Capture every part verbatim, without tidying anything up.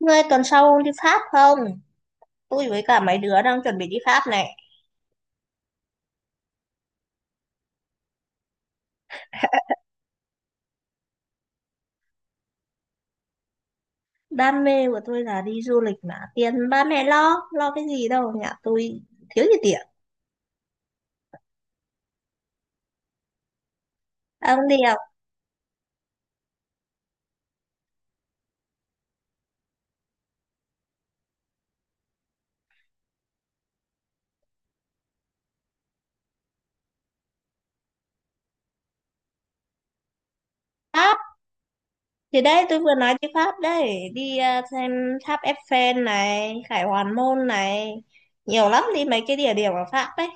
Ngươi tuần sau đi Pháp không? Tôi với cả mấy đứa đang chuẩn bị đi Pháp này. Đam mê của tôi là đi du lịch mà. Tiền ba mẹ lo, lo cái gì đâu. Nhà tôi thiếu gì tiền. Ông đi học Pháp. Thì đấy, tôi vừa nói đi Pháp đấy. Đi à, xem tháp Eiffel này, Khải Hoàn Môn này. Nhiều lắm đi mấy cái địa điểm ở Pháp đấy.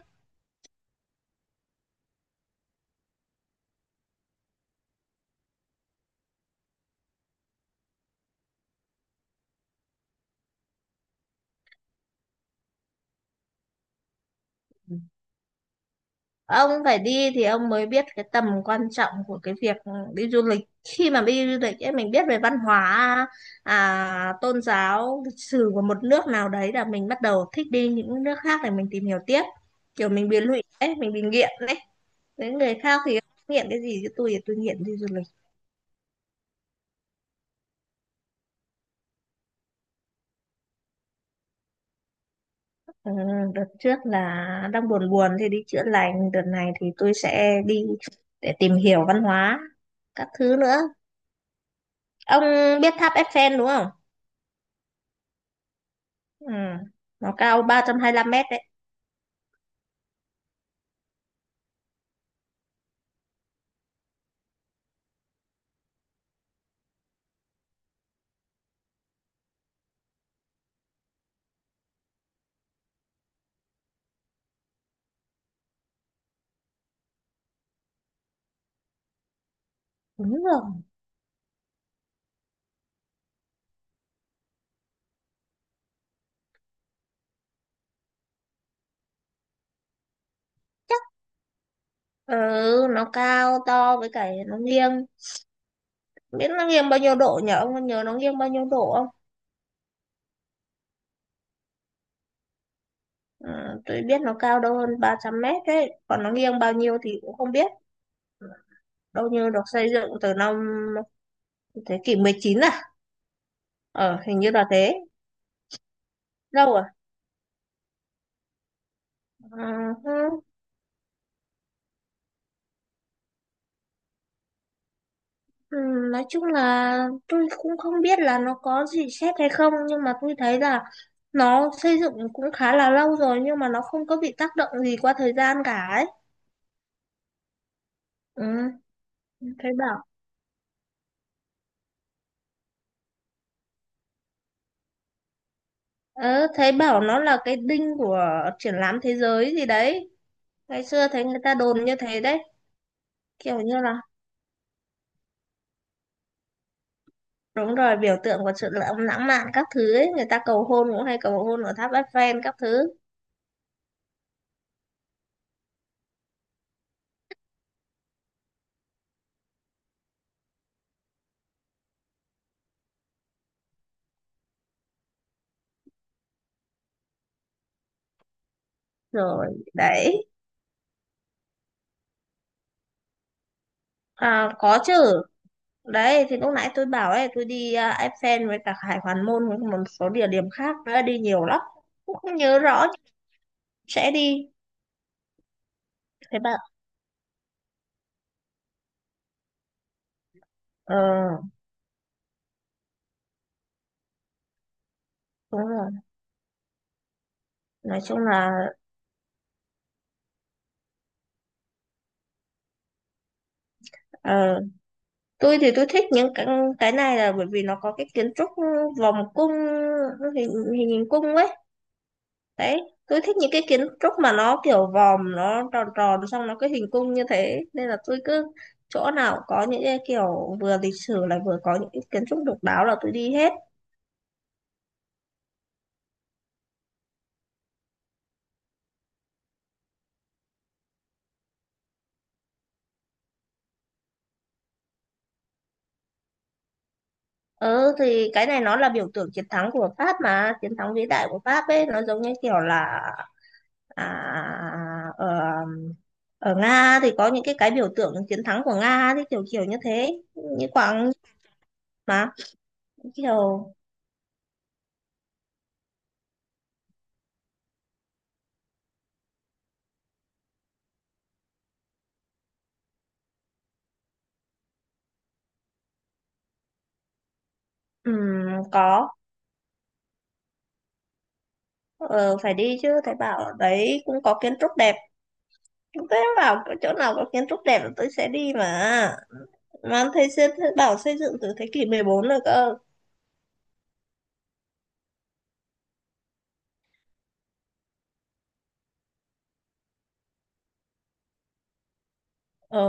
Ông phải đi thì ông mới biết cái tầm quan trọng của cái việc đi du lịch. Khi mà đi du lịch ấy, mình biết về văn hóa, à, tôn giáo, lịch sử của một nước nào đấy, là mình bắt đầu thích đi những nước khác để mình tìm hiểu tiếp. Kiểu mình bị lụy ấy, mình bị nghiện đấy. Với người khác thì nghiện cái gì chứ, tôi thì tôi nghiện đi du lịch. Ừ, đợt trước là đang buồn buồn thì đi chữa lành, đợt này thì tôi sẽ đi để tìm hiểu văn hóa các thứ nữa. Ông biết tháp Eiffel đúng không? Ừ. Nó cao ba trăm hai lăm mét đấy. Đúng rồi. Ừ, nó cao to với cả nó nghiêng. Biết nó nghiêng bao nhiêu độ nhỉ? Ông có nhớ nó nghiêng bao nhiêu độ không? Ừ, tôi biết nó cao đâu hơn ba trăm mét đấy. Còn nó nghiêng bao nhiêu thì cũng không biết. Đâu như được xây dựng từ năm thế kỷ mười chín à? Ờ, hình như là thế. Lâu à? Ừ. Ừ, nói chung là tôi cũng không biết là nó có gì xét hay không, nhưng mà tôi thấy là nó xây dựng cũng khá là lâu rồi nhưng mà nó không có bị tác động gì qua thời gian cả ấy. Ừ, thấy bảo. Ờ, thấy bảo nó là cái đinh của triển lãm thế giới gì đấy. Ngày xưa thấy người ta đồn như thế đấy. Kiểu như là đúng rồi, biểu tượng của sự lãng lãng mạn các thứ ấy. Người ta cầu hôn cũng hay cầu hôn ở tháp Eiffel các thứ. Rồi, đấy. À, có chứ. Đấy thì lúc nãy tôi bảo ấy, tôi đi à, Eiffel với cả Hải Hoàn Môn với một số địa điểm khác nữa, đi nhiều lắm cũng không nhớ rõ sẽ đi. Thế bạn. Ờ, đúng rồi, nói chung là, ờ, tôi thì tôi thích những cái cái này là bởi vì nó có cái kiến trúc vòng cung, hình hình, hình cung ấy. Đấy, tôi thích những cái kiến trúc mà nó kiểu vòm, nó tròn tròn xong nó cái hình cung như thế, nên là tôi cứ chỗ nào có những cái kiểu vừa lịch sử lại vừa có những cái kiến trúc độc đáo là tôi đi hết. Ừ thì cái này nó là biểu tượng chiến thắng của Pháp mà, chiến thắng vĩ đại của Pháp ấy, nó giống như kiểu là à, ở, ở Nga thì có những cái cái biểu tượng chiến thắng của Nga thì kiểu kiểu như thế, như quảng mà kiểu ừm, có. ờ, Phải đi chứ, thầy bảo ở đấy cũng có kiến trúc đẹp. Thế bảo chỗ nào có kiến trúc đẹp là tôi sẽ đi mà. Mà thầy, xây- thầy bảo xây dựng từ thế kỷ mười bốn rồi cơ. Ờ,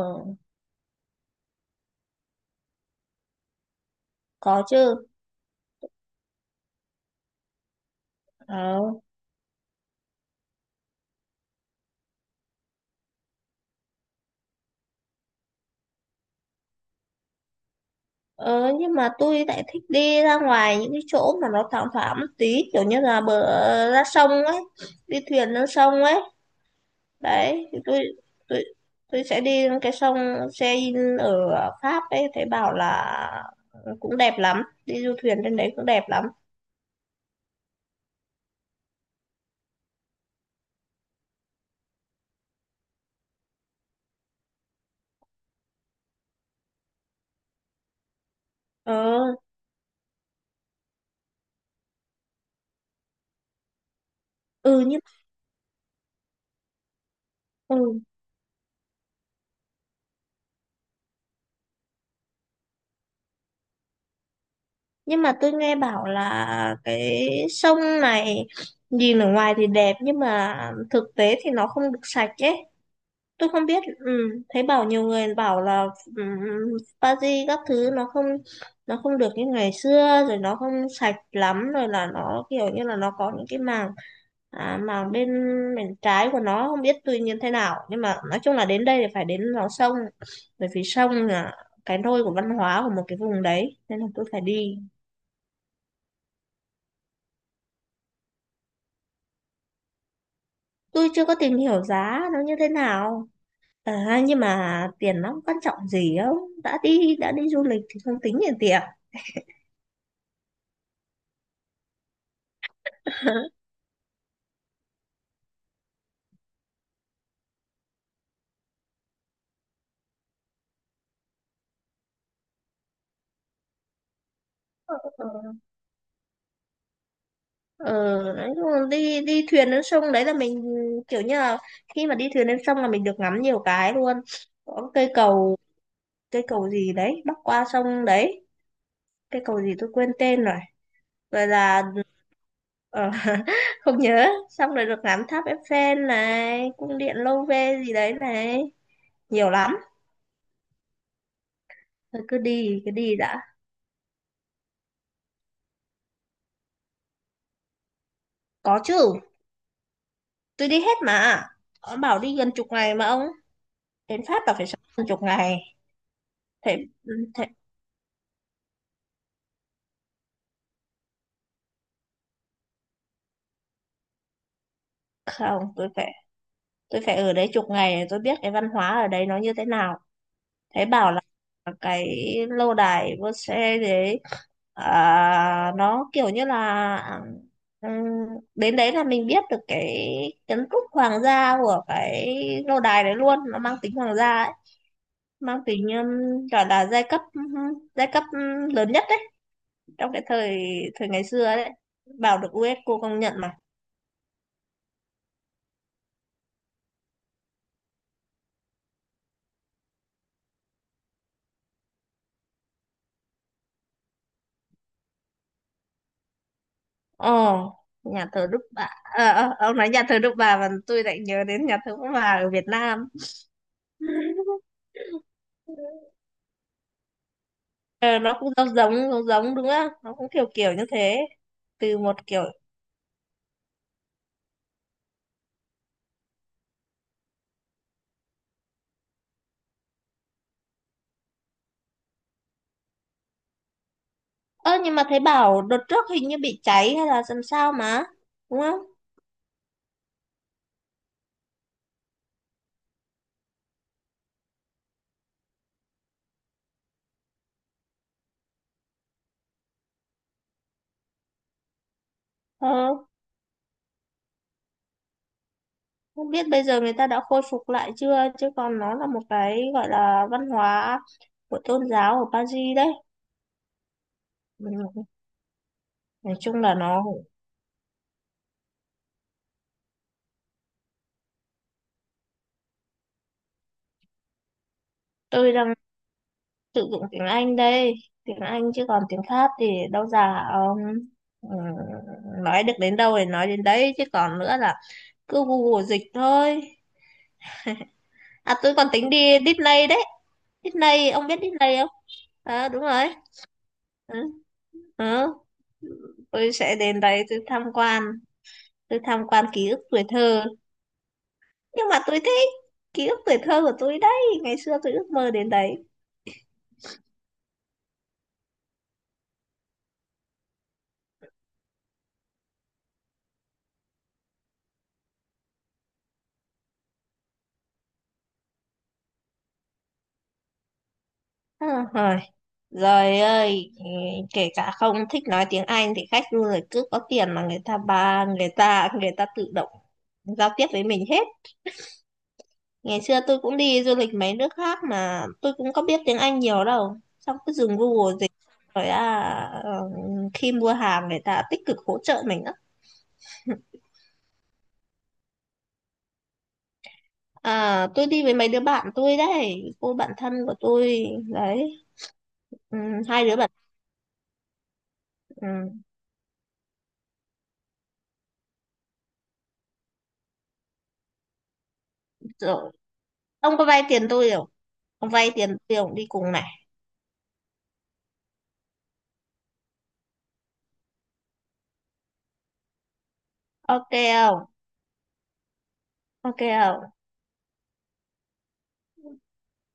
có chứ. Ờ. Ờ, nhưng mà tôi lại thích đi ra ngoài những cái chỗ mà nó thoáng thoáng một tí, kiểu như là bờ ra sông ấy, đi thuyền lên sông ấy. Đấy thì tôi tôi tôi sẽ đi lên cái sông Seine ở Pháp ấy, thấy bảo là cũng đẹp lắm, đi du thuyền trên đấy cũng đẹp lắm. ờ ừ nhưng ừ nhưng mà tôi nghe bảo là cái sông này nhìn ở ngoài thì đẹp, nhưng mà thực tế thì nó không được sạch ấy. Tôi không biết. Ừ, thấy bảo nhiều người bảo là, ừ, Paris các thứ nó không nó không được như ngày xưa rồi, nó không sạch lắm rồi, là nó kiểu như là nó có những cái màng, à, màng bên bên trái của nó không biết tuy nhiên thế nào. Nhưng mà nói chung là đến đây thì phải đến vào sông, bởi vì sông là cái nôi của văn hóa của một cái vùng đấy, nên là tôi phải đi. Tôi chưa có tìm hiểu giá nó như thế nào. À, nhưng mà tiền nó quan trọng gì không, đã đi đã đi du lịch thì không tính tiền tiền Ờ đấy, đúng rồi. Đi đi thuyền lên sông đấy là mình kiểu như là, khi mà đi thuyền lên sông là mình được ngắm nhiều cái luôn. Có cây cầu, cây cầu gì đấy bắc qua sông đấy, cây cầu gì tôi quên tên rồi. Rồi là ờ, không nhớ, xong rồi được ngắm tháp Eiffel này, cung điện Louvre gì đấy này, nhiều lắm. Thôi cứ đi cứ đi đã. Có chứ, tôi đi hết mà. Ông bảo đi gần chục ngày mà, ông đến Pháp là phải sống gần chục ngày. Thế, thế Không, tôi phải tôi phải ở đấy chục ngày để tôi biết cái văn hóa ở đấy nó như thế nào. Thấy bảo là cái lâu đài vua xe đấy, à, nó kiểu như là ừm, đến đấy là mình biết được cái kiến trúc hoàng gia của cái lâu đài đấy luôn, nó mang tính hoàng gia ấy, mang tính ừm, gọi là giai cấp giai cấp ừm, lớn nhất đấy, trong cái thời thời ngày xưa đấy. Bảo được u ét cô công nhận mà. Ồ, nhà thờ Đức Bà. Ờ, ờ, ông nói nhà thờ Đức Bà mà tôi lại nhớ đến nhà thờ Đức Bà ở Việt Nam. Ờ, nó cũng giống giống giống giống đúng không? Nó cũng kiểu kiểu như thế. Từ một kiểu. Ơ nhưng mà thấy bảo đợt trước hình như bị cháy hay là làm sao mà, đúng không? Ờ, không biết bây giờ người ta đã khôi phục lại chưa, chứ còn nó là một cái gọi là văn hóa của tôn giáo ở Paris đấy. Ừ, nói chung là nó, tôi đang sử dụng tiếng Anh đây. Tiếng Anh chứ còn tiếng khác thì đâu già ông. Ừ, nói được đến đâu thì nói đến đấy, chứ còn nữa là cứ Google dịch thôi. À tôi còn tính đi Disney đấy. Disney, ông biết Disney không? À đúng rồi. Ừ, ừ. Tôi sẽ đến đấy tôi tham quan, tôi tham quan ký ức tuổi thơ. Nhưng mà tôi thích, ký ức tuổi thơ của tôi đấy, ngày xưa tôi ước mơ đến đấy. à, Rồi ơi, ừ, kể cả không thích nói tiếng Anh thì khách du lịch cứ có tiền mà, người ta ba người ta người ta tự động giao tiếp với mình hết. Ngày xưa tôi cũng đi du lịch mấy nước khác mà tôi cũng có biết tiếng Anh nhiều đâu. Xong cứ dùng Google dịch rồi. à, ờ, Khi mua hàng người ta tích cực hỗ trợ mình á. À, tôi đi với mấy đứa bạn tôi đấy, cô bạn thân của tôi đấy, ừ, hai đứa bạn. Ừ, rồi ông có vay tiền tôi không? Ông vay tiền tôi không đi cùng này. Ok không? Ok không?